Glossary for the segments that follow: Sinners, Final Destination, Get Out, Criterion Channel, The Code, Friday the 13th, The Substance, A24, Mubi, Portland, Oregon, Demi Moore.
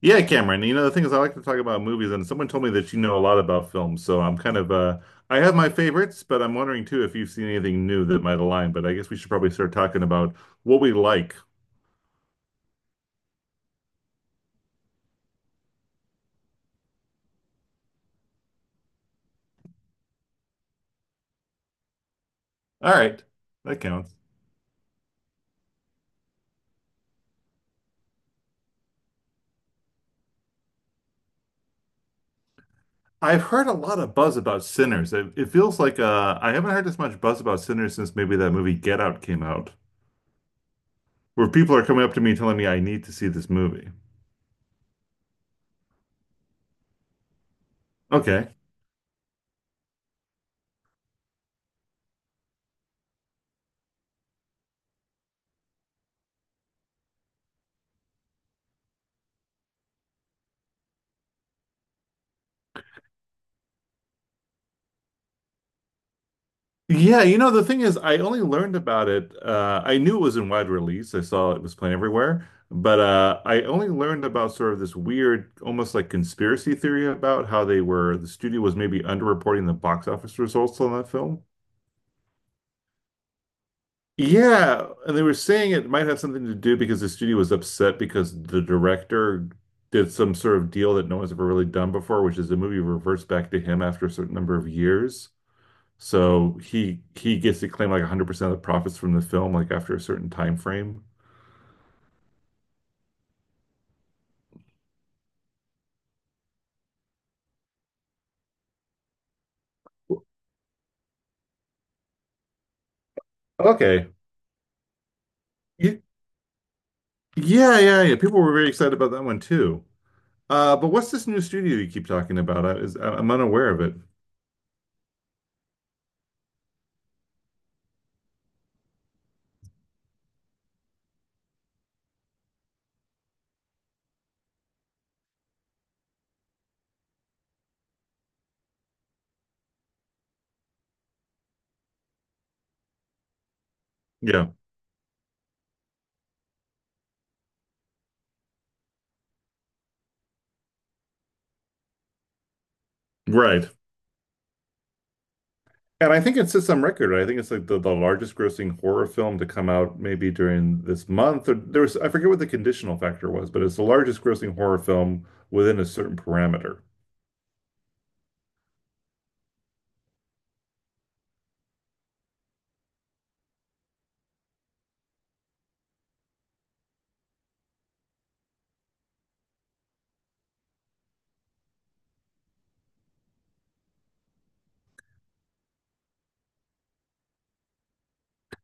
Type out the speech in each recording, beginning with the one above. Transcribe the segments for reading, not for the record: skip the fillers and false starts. Yeah, Cameron. You know, the thing is, I like to talk about movies, and someone told me that you know a lot about films. So I'm kind of, I have my favorites, but I'm wondering too if you've seen anything new that might align. But I guess we should probably start talking about what we like. All right, that counts. I've heard a lot of buzz about Sinners. It feels like I haven't heard as much buzz about Sinners since maybe that movie Get Out came out, where people are coming up to me telling me I need to see this movie. Okay. Yeah, you know, the thing is, I only learned about it. I knew it was in wide release. I saw it was playing everywhere, but I only learned about sort of this weird, almost like conspiracy theory about how they were, the studio was maybe underreporting the box office results on that film. Yeah, and they were saying it might have something to do because the studio was upset because the director did some sort of deal that no one's ever really done before, which is the movie reverts back to him after a certain number of years. So he gets to claim like 100% of the profits from the film, like after a certain time frame. Okay. Y- Yeah, yeah, yeah. People were very excited about that one too. But what's this new studio you keep talking about? Am unaware of it. Yeah, right. And I think it sits on record, right? I think it's like the largest grossing horror film to come out maybe during this month. Or there was, I forget what the conditional factor was, but it's the largest grossing horror film within a certain parameter.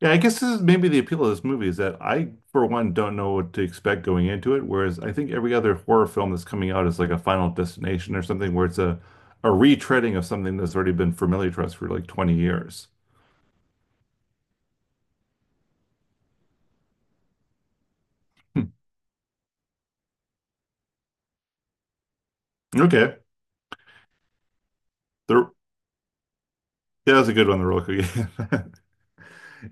Yeah, I guess this is maybe the appeal of this movie is that I, for one, don't know what to expect going into it. Whereas I think every other horror film that's coming out is like a Final Destination or something where it's a retreading of something that's already been familiar to us for like 20 years. Hmm. Okay. There, that was a good one, the roller coaster.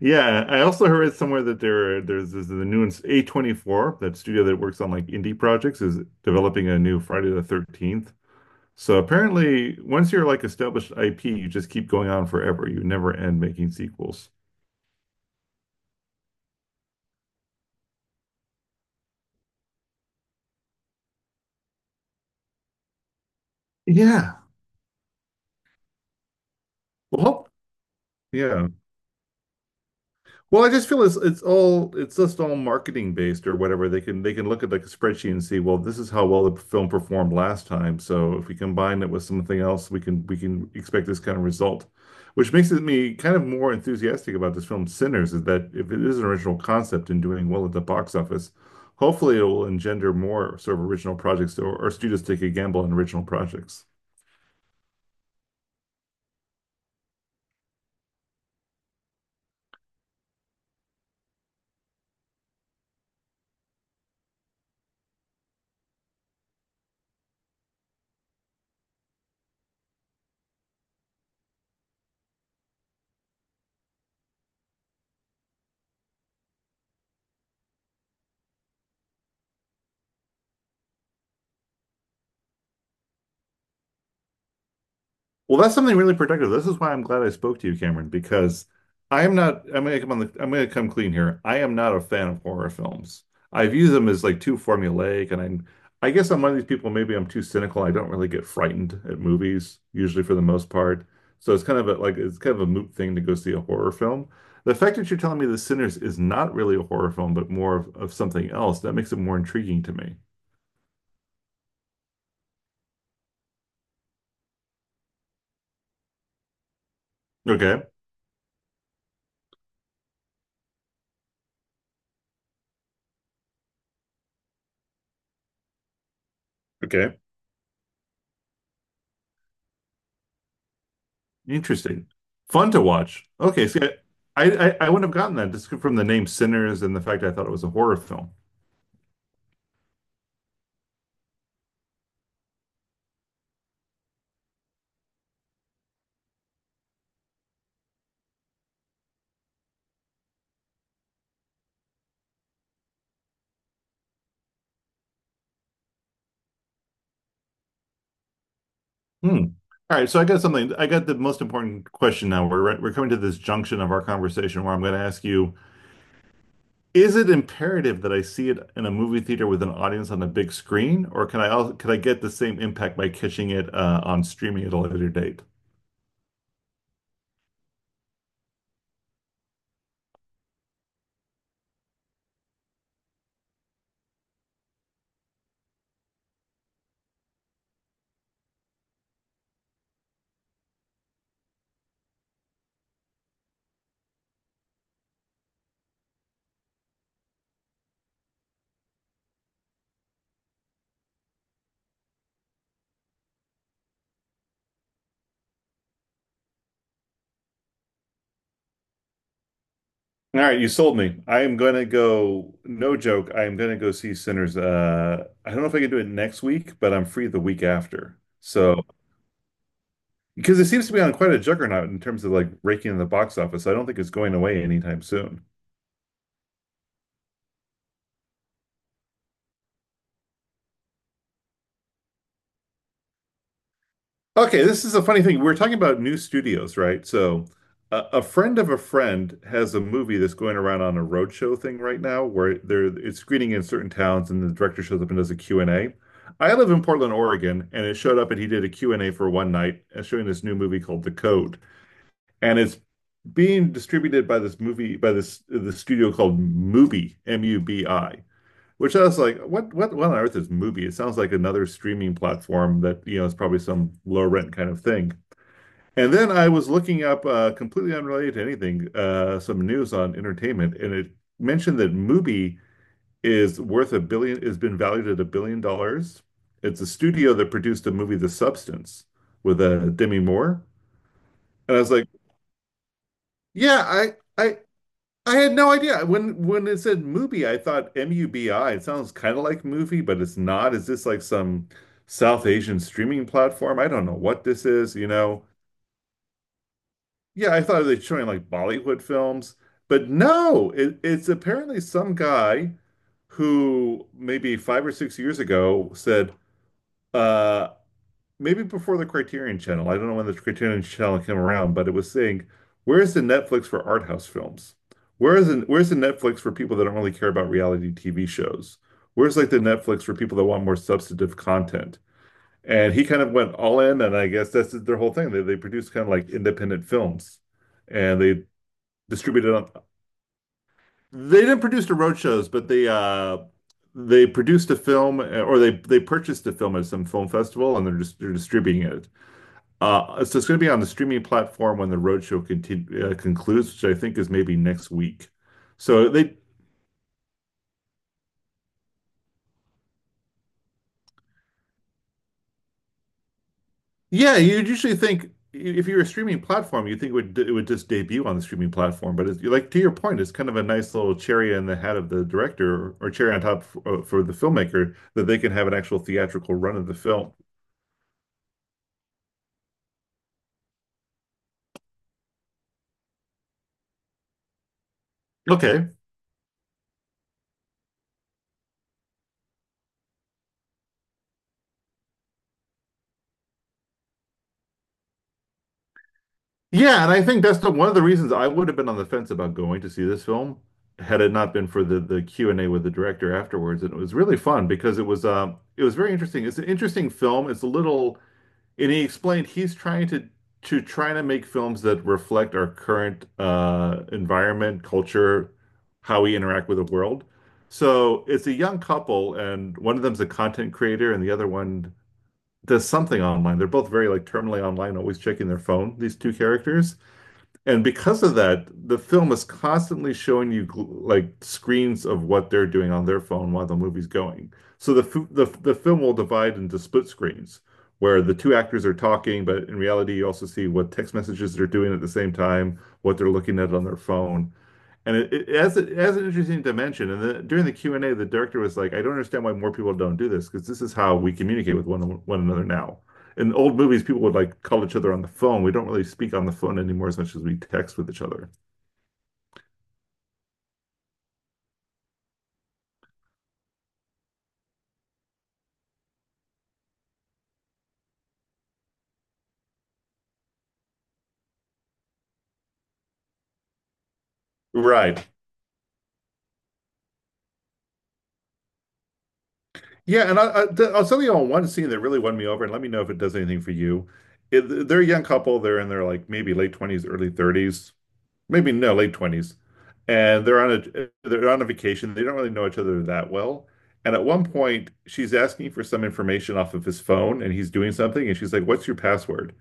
Yeah, I also heard somewhere that there's this, the new A24, that studio that works on like indie projects, is developing a new Friday the 13th. So apparently, once you're like established IP, you just keep going on forever. You never end making sequels. Yeah. Well, yeah. Well, I just feel it's just all marketing based or whatever. They can look at like a spreadsheet and see, well, this is how well the film performed last time. So if we combine it with something else, we can expect this kind of result, which makes it me kind of more enthusiastic about this film Sinners, is that if it is an original concept and doing well at the box office, hopefully it will engender more sort of original projects or studios take a gamble on original projects. Well, that's something really productive. This is why I'm glad I spoke to you, Cameron, because I am not, I'm gonna come on I'm gonna come clean here. I am not a fan of horror films. I view them as like too formulaic, and I guess I'm one of these people, maybe I'm too cynical. I don't really get frightened at movies, usually for the most part. So it's kind of a moot thing to go see a horror film. The fact that you're telling me The Sinners is not really a horror film, but more of something else, that makes it more intriguing to me. Okay. Okay. Interesting. Fun to watch. Okay, see, I wouldn't have gotten that just from the name Sinners and the fact I thought it was a horror film. Hmm. All right, so I got something. I got the most important question now. We're coming to this junction of our conversation where I'm going to ask you. Is it imperative that I see it in a movie theater with an audience on a big screen, or can I also, can I get the same impact by catching it on streaming at a later date? All right, you sold me. I am gonna go, no joke, I am gonna go see Sinners. I don't know if I can do it next week, but I'm free the week after. So, because it seems to be on quite a juggernaut in terms of like raking in the box office, so I don't think it's going away anytime soon. Okay, this is a funny thing. We're talking about new studios, right? So, a friend of a friend has a movie that's going around on a roadshow thing right now where they're it's screening in certain towns and the director shows up and does a Q and A. I live in Portland, Oregon, and it showed up and he did a Q and a for one night showing this new movie called The Code. And it's being distributed by this movie by this the studio called Mubi, Mubi. Which I was like, what on earth is Mubi? It sounds like another streaming platform that, you know, is probably some low rent kind of thing. And then I was looking up, completely unrelated to anything, some news on entertainment, and it mentioned that Mubi is worth a billion, has been valued at $1 billion. It's a studio that produced the movie The Substance with Demi Moore. And I was like, yeah, I, I, I had no idea. When it said Mubi, I thought Mubi. It sounds kind of like movie, but it's not. Is this like some South Asian streaming platform? I don't know what this is, you know. Yeah, I thought they were showing like Bollywood films, but no, it's apparently some guy who maybe 5 or 6 years ago said, uh, maybe before the Criterion Channel, I don't know when the Criterion Channel came around, but it was saying, where's the Netflix for art house films? Where is where's the Netflix for people that don't really care about reality TV shows? Where's like the Netflix for people that want more substantive content? And he kind of went all in, and I guess that's their whole thing. They produce kind of like independent films and they distributed on. They didn't produce the road shows, but they produced a film or they purchased a film at some film festival and they're distributing it. So it's going to be on the streaming platform when the roadshow concludes, which I think is maybe next week. So yeah, you'd usually think if you're a streaming platform, you think it would just debut on the streaming platform. But it's, like to your point, it's kind of a nice little cherry in the hat of the director, or cherry on top for the filmmaker that they can have an actual theatrical run of the film. Okay. Yeah, and I think that's the, one of the reasons I would have been on the fence about going to see this film had it not been for the Q&A with the director afterwards. And it was really fun because it was very interesting. It's an interesting film. It's a little, and he explained he's trying to trying to make films that reflect our current environment, culture, how we interact with the world. So it's a young couple and one of them's a content creator and the other one does something online. They're both very like terminally online, always checking their phone, these two characters. And because of that, the film is constantly showing you like screens of what they're doing on their phone while the movie's going. So the f- the film will divide into split screens where the two actors are talking, but in reality, you also see what text messages they're doing at the same time, what they're looking at on their phone. And it has it has an interesting dimension. And then during the Q&A, the director was like, "I don't understand why more people don't do this because this is how we communicate with one another now." In old movies, people would like call each other on the phone. We don't really speak on the phone anymore as much as we text with each other. Right. Yeah, and I'll tell you on one scene that really won me over, and let me know if it does anything for you. It, they're a young couple. They're in their like maybe late 20s, early 30s. Maybe no, late 20s. And they're on a vacation. They don't really know each other that well. And at one point, she's asking for some information off of his phone, and he's doing something, and she's like, "What's your password?"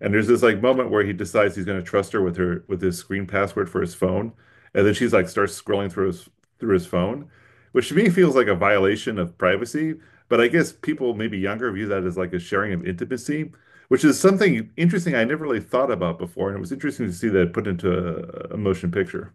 And there's this like moment where he decides he's going to trust her with his screen password for his phone, and then she's like starts scrolling through his, through his phone, which to me feels like a violation of privacy. But I guess people maybe younger view that as like a sharing of intimacy, which is something interesting I never really thought about before, and it was interesting to see that put into a motion picture.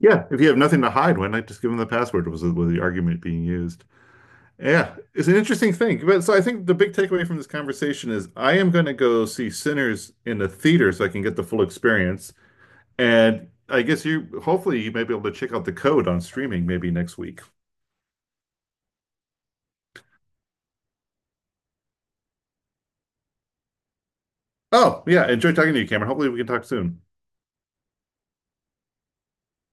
Yeah, if you have nothing to hide, why not just give them the password? Was the argument being used? Yeah, it's an interesting thing. But so I think the big takeaway from this conversation is I am going to go see Sinners in the theater so I can get the full experience. And I guess you, hopefully, you may be able to check out the code on streaming maybe next week. Oh, yeah. Enjoy talking to you, Cameron. Hopefully, we can talk soon.